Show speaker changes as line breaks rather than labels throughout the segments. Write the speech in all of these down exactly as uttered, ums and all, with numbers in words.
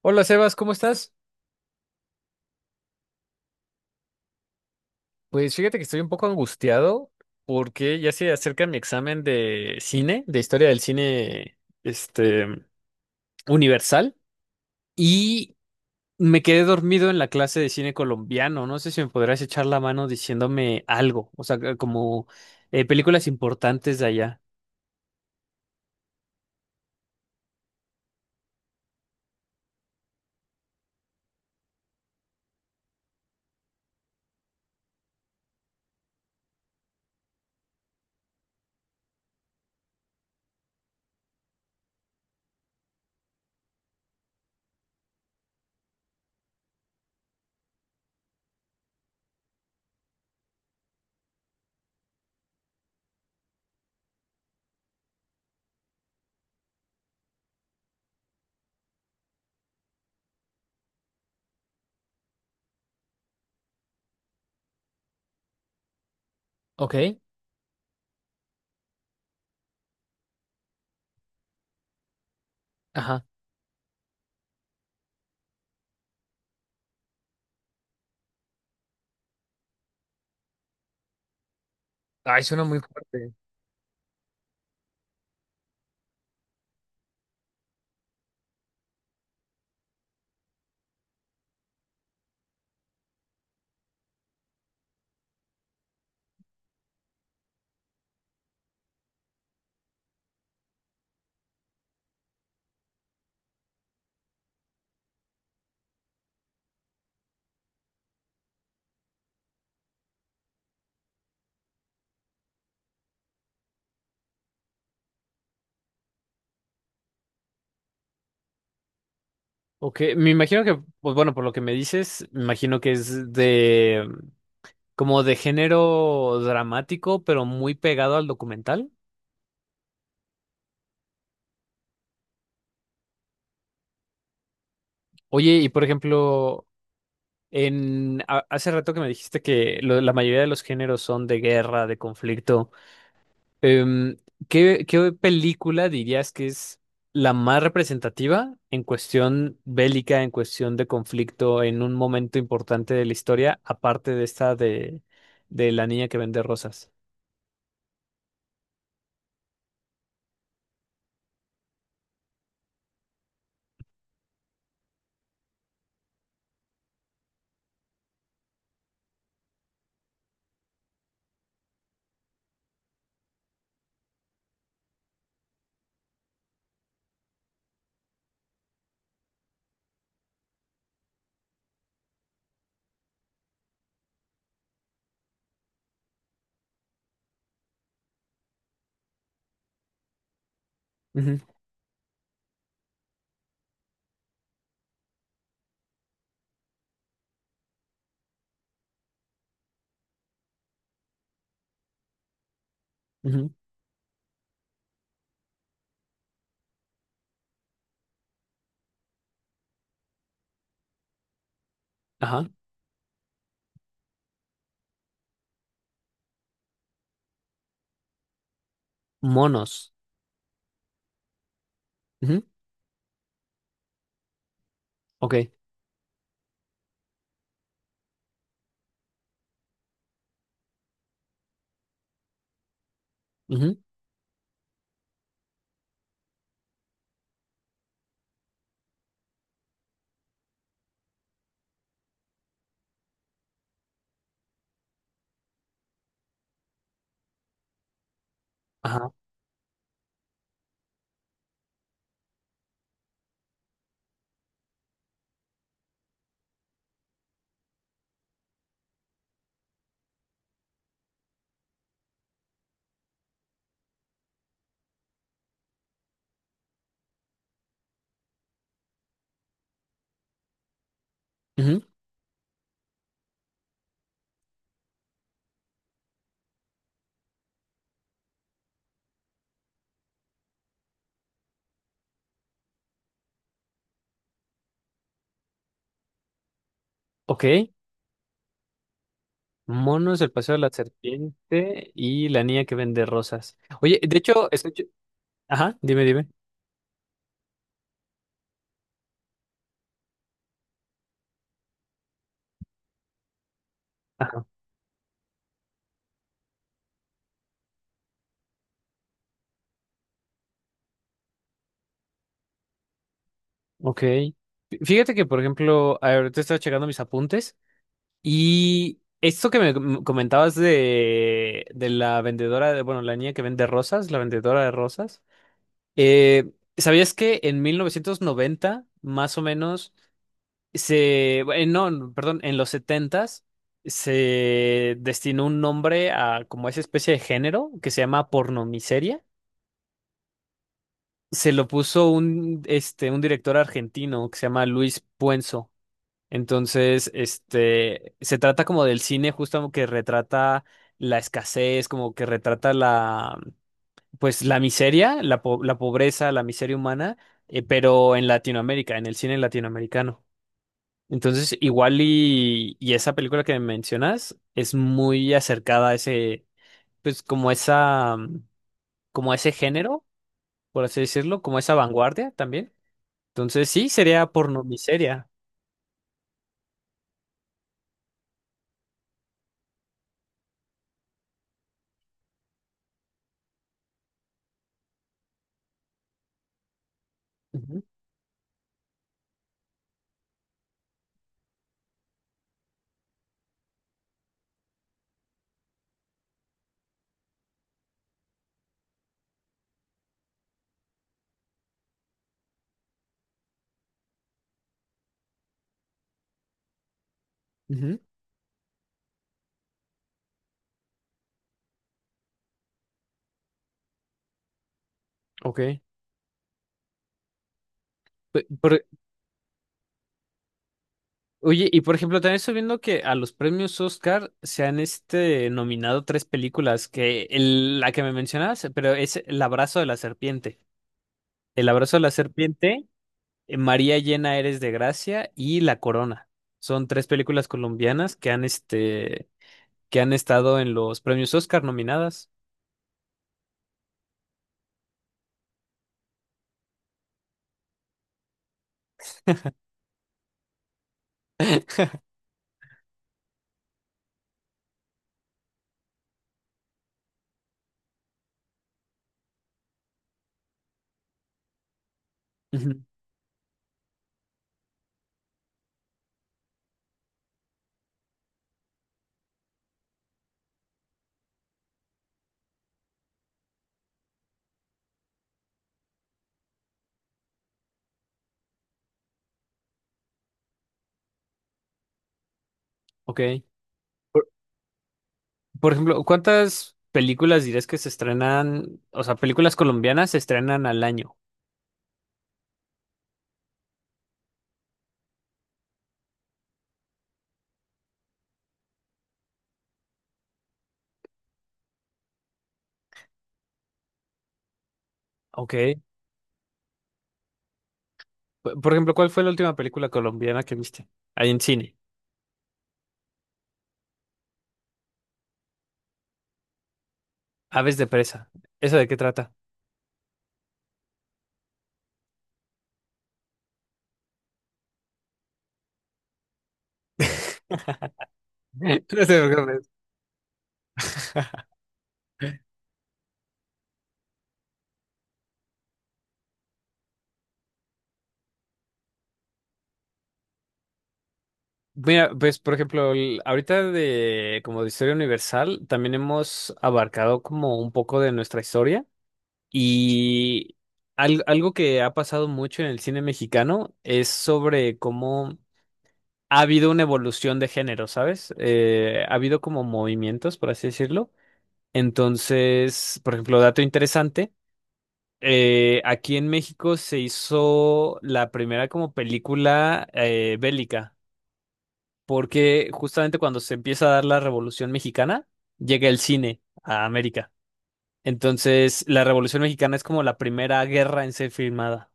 Hola Sebas, ¿cómo estás? Pues fíjate que estoy un poco angustiado porque ya se acerca mi examen de cine, de historia del cine, este, universal, y me quedé dormido en la clase de cine colombiano. No sé si me podrás echar la mano diciéndome algo, o sea, que como eh, películas importantes de allá. Ok. Ajá. Ay, suena muy fuerte. Ok, me imagino que, pues bueno, por lo que me dices, me imagino que es de como de género dramático, pero muy pegado al documental. Oye, y por ejemplo, en a- hace rato que me dijiste que lo- la mayoría de los géneros son de guerra, de conflicto. em, ¿qué, qué película dirías que es la más representativa en cuestión bélica, en cuestión de conflicto, en un momento importante de la historia, aparte de esta de, de la niña que vende rosas? Ujú, ujú, ajá. Monos. Ujú, ok. Ujú, ajá. Ujú. Ok, Monos, el paseo de la serpiente y la niña que vende rosas. Oye, de hecho, escucho... Ajá, dime, dime. Ajá, ok. Fíjate que, por ejemplo, ahorita estaba checando mis apuntes y esto que me com- comentabas de, de la vendedora, de, bueno, la niña que vende rosas, la vendedora de rosas, eh, ¿sabías que en mil novecientos noventa, más o menos, Se, eh, no, perdón, en los setentas se destinó un nombre a como esa especie de género que se llama pornomiseria. Se lo puso un, este, un director argentino que se llama Luis Puenzo. Entonces, este, se trata como del cine justo como que retrata la escasez, como que retrata la, pues la miseria, la, po- la pobreza, la miseria humana, eh, pero en Latinoamérica, en el cine latinoamericano. Entonces, igual y, y esa película que mencionas es muy acercada a ese, pues como esa, mm, como ese género, por así decirlo, como esa vanguardia también. Entonces, sí, sería pornomiseria. Ujú, ujú, Ok. Pe- por- oye, y por ejemplo, también estoy viendo que a los premios Oscar se han este, nominado tres películas, que el- la que me mencionabas, pero es El abrazo de la serpiente. El abrazo de la serpiente. Eh, María llena eres de gracia y La Corona. Son tres películas colombianas que han, este, que han estado en los premios Oscar nominadas. Ujú. Ok. Por ejemplo, ¿cuántas películas dirías que se estrenan, o sea, películas colombianas se estrenan al año? Ok. Por por ejemplo, ¿cuál fue la última película colombiana que viste? Ahí en cine. Aves de presa. ¿Eso de qué trata? No te preocupes. Mira, pues por ejemplo, el- ahorita de como de historia universal, también hemos abarcado como un poco de nuestra historia y al- algo que ha pasado mucho en el cine mexicano es sobre cómo ha habido una evolución de género, ¿sabes? Eh, ha habido como movimientos, por así decirlo. Entonces, por ejemplo, dato interesante, eh, aquí en México se hizo la primera como película eh, bélica porque justamente cuando se empieza a dar la Revolución Mexicana, llega el cine a América. Entonces, la Revolución Mexicana es como la primera guerra en ser filmada,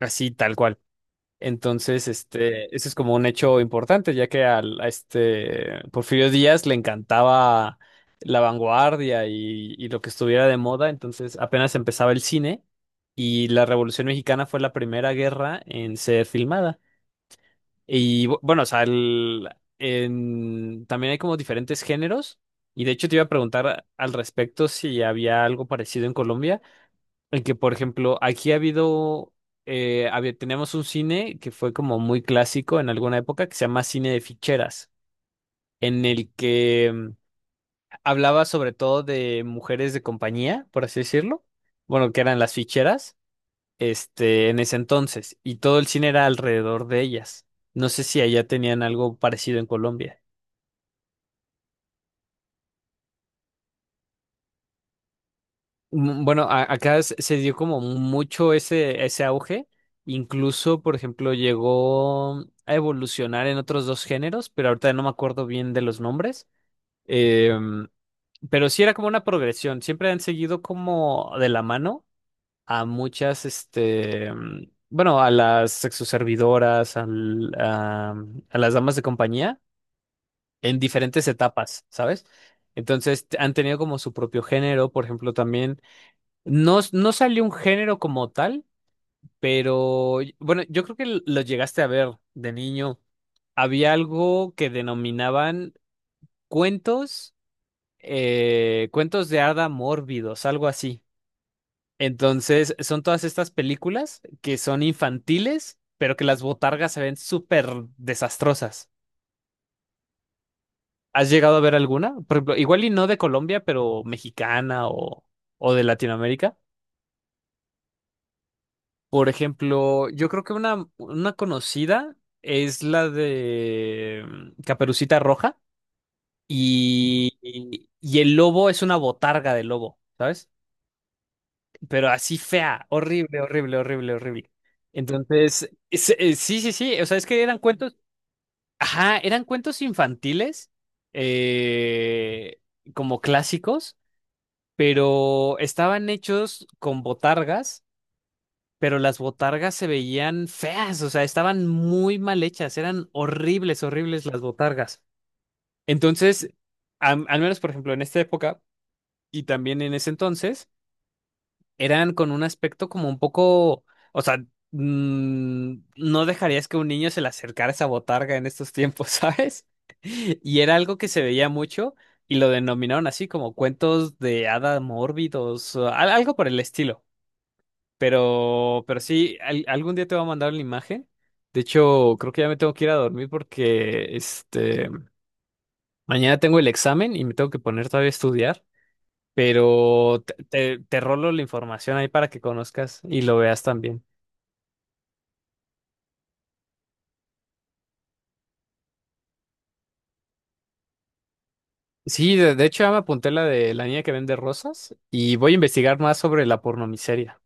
así tal cual. Entonces, este, ese es como un hecho importante, ya que al, a este Porfirio Díaz le encantaba la vanguardia y, y lo que estuviera de moda, entonces apenas empezaba el cine y la Revolución Mexicana fue la primera guerra en ser filmada. Y bu- bueno, o sea, el- en- también hay como diferentes géneros. Y de hecho te iba a preguntar al respecto si había algo parecido en Colombia, en que, por ejemplo, aquí ha habido, eh, había- teníamos un cine que fue como muy clásico en alguna época, que se llama cine de ficheras, en el que mm, hablaba sobre todo de mujeres de compañía, por así decirlo, bueno, que eran las ficheras este, en ese entonces, y todo el cine era alrededor de ellas. No sé si allá tenían algo parecido en Colombia. Mm, Bueno, a- acá s- se dio como mucho ese, ese auge, incluso, por ejemplo, llegó a evolucionar en otros dos géneros, pero ahorita no me acuerdo bien de los nombres. Em, pero sí era como una progresión, siempre han seguido como de la mano a muchas, este, em, bueno, a las sexoservidoras, al- a a las damas de compañía en diferentes etapas, ¿sabes? Entonces t- han tenido como su propio género, por ejemplo, también no, s- no salió un género como tal, pero y- bueno, yo creo que l- lo llegaste a ver de niño. Había algo que denominaban cuentos, eh, cuentos de hada mórbidos, algo así. Entonces, son todas estas películas que son infantiles, pero que las botargas se ven súper desastrosas. ¿Has llegado a ver alguna? Por ejemplo, igual y no de Colombia, pero mexicana o, o de Latinoamérica. Por ejemplo, yo creo que una, una conocida es la de mm, Caperucita Roja y, y, y el lobo es una botarga de lobo, ¿sabes? Pero así fea, horrible, horrible, horrible, horrible. Entonces, es- eh, sí, sí, sí, o sea, es que eran cuentos, ajá, eran cuentos infantiles, eh, como clásicos. Pero estaban hechos con botargas, pero las botargas se veían feas, o sea, estaban muy mal hechas, eran horribles, horribles las botargas. Entonces, am- al menos, por ejemplo, en esta época y también en ese entonces, eran con un aspecto como un poco, o sea, mm, no dejarías que un niño se le acercara esa botarga en estos tiempos, ¿sabes? Y era algo que se veía mucho y lo denominaron así como cuentos de hada mórbidos, o al- algo por el estilo. Pero, pero sí, al- algún día te voy a mandar la imagen. De hecho, creo que ya me tengo que ir a dormir porque este mañana tengo el examen y me tengo que poner todavía a estudiar. Pero te, te, te rolo la información ahí para que conozcas y lo veas también. Sí, de, de hecho ya me apunté la de la niña que vende rosas y voy a investigar más sobre la pornomiseria.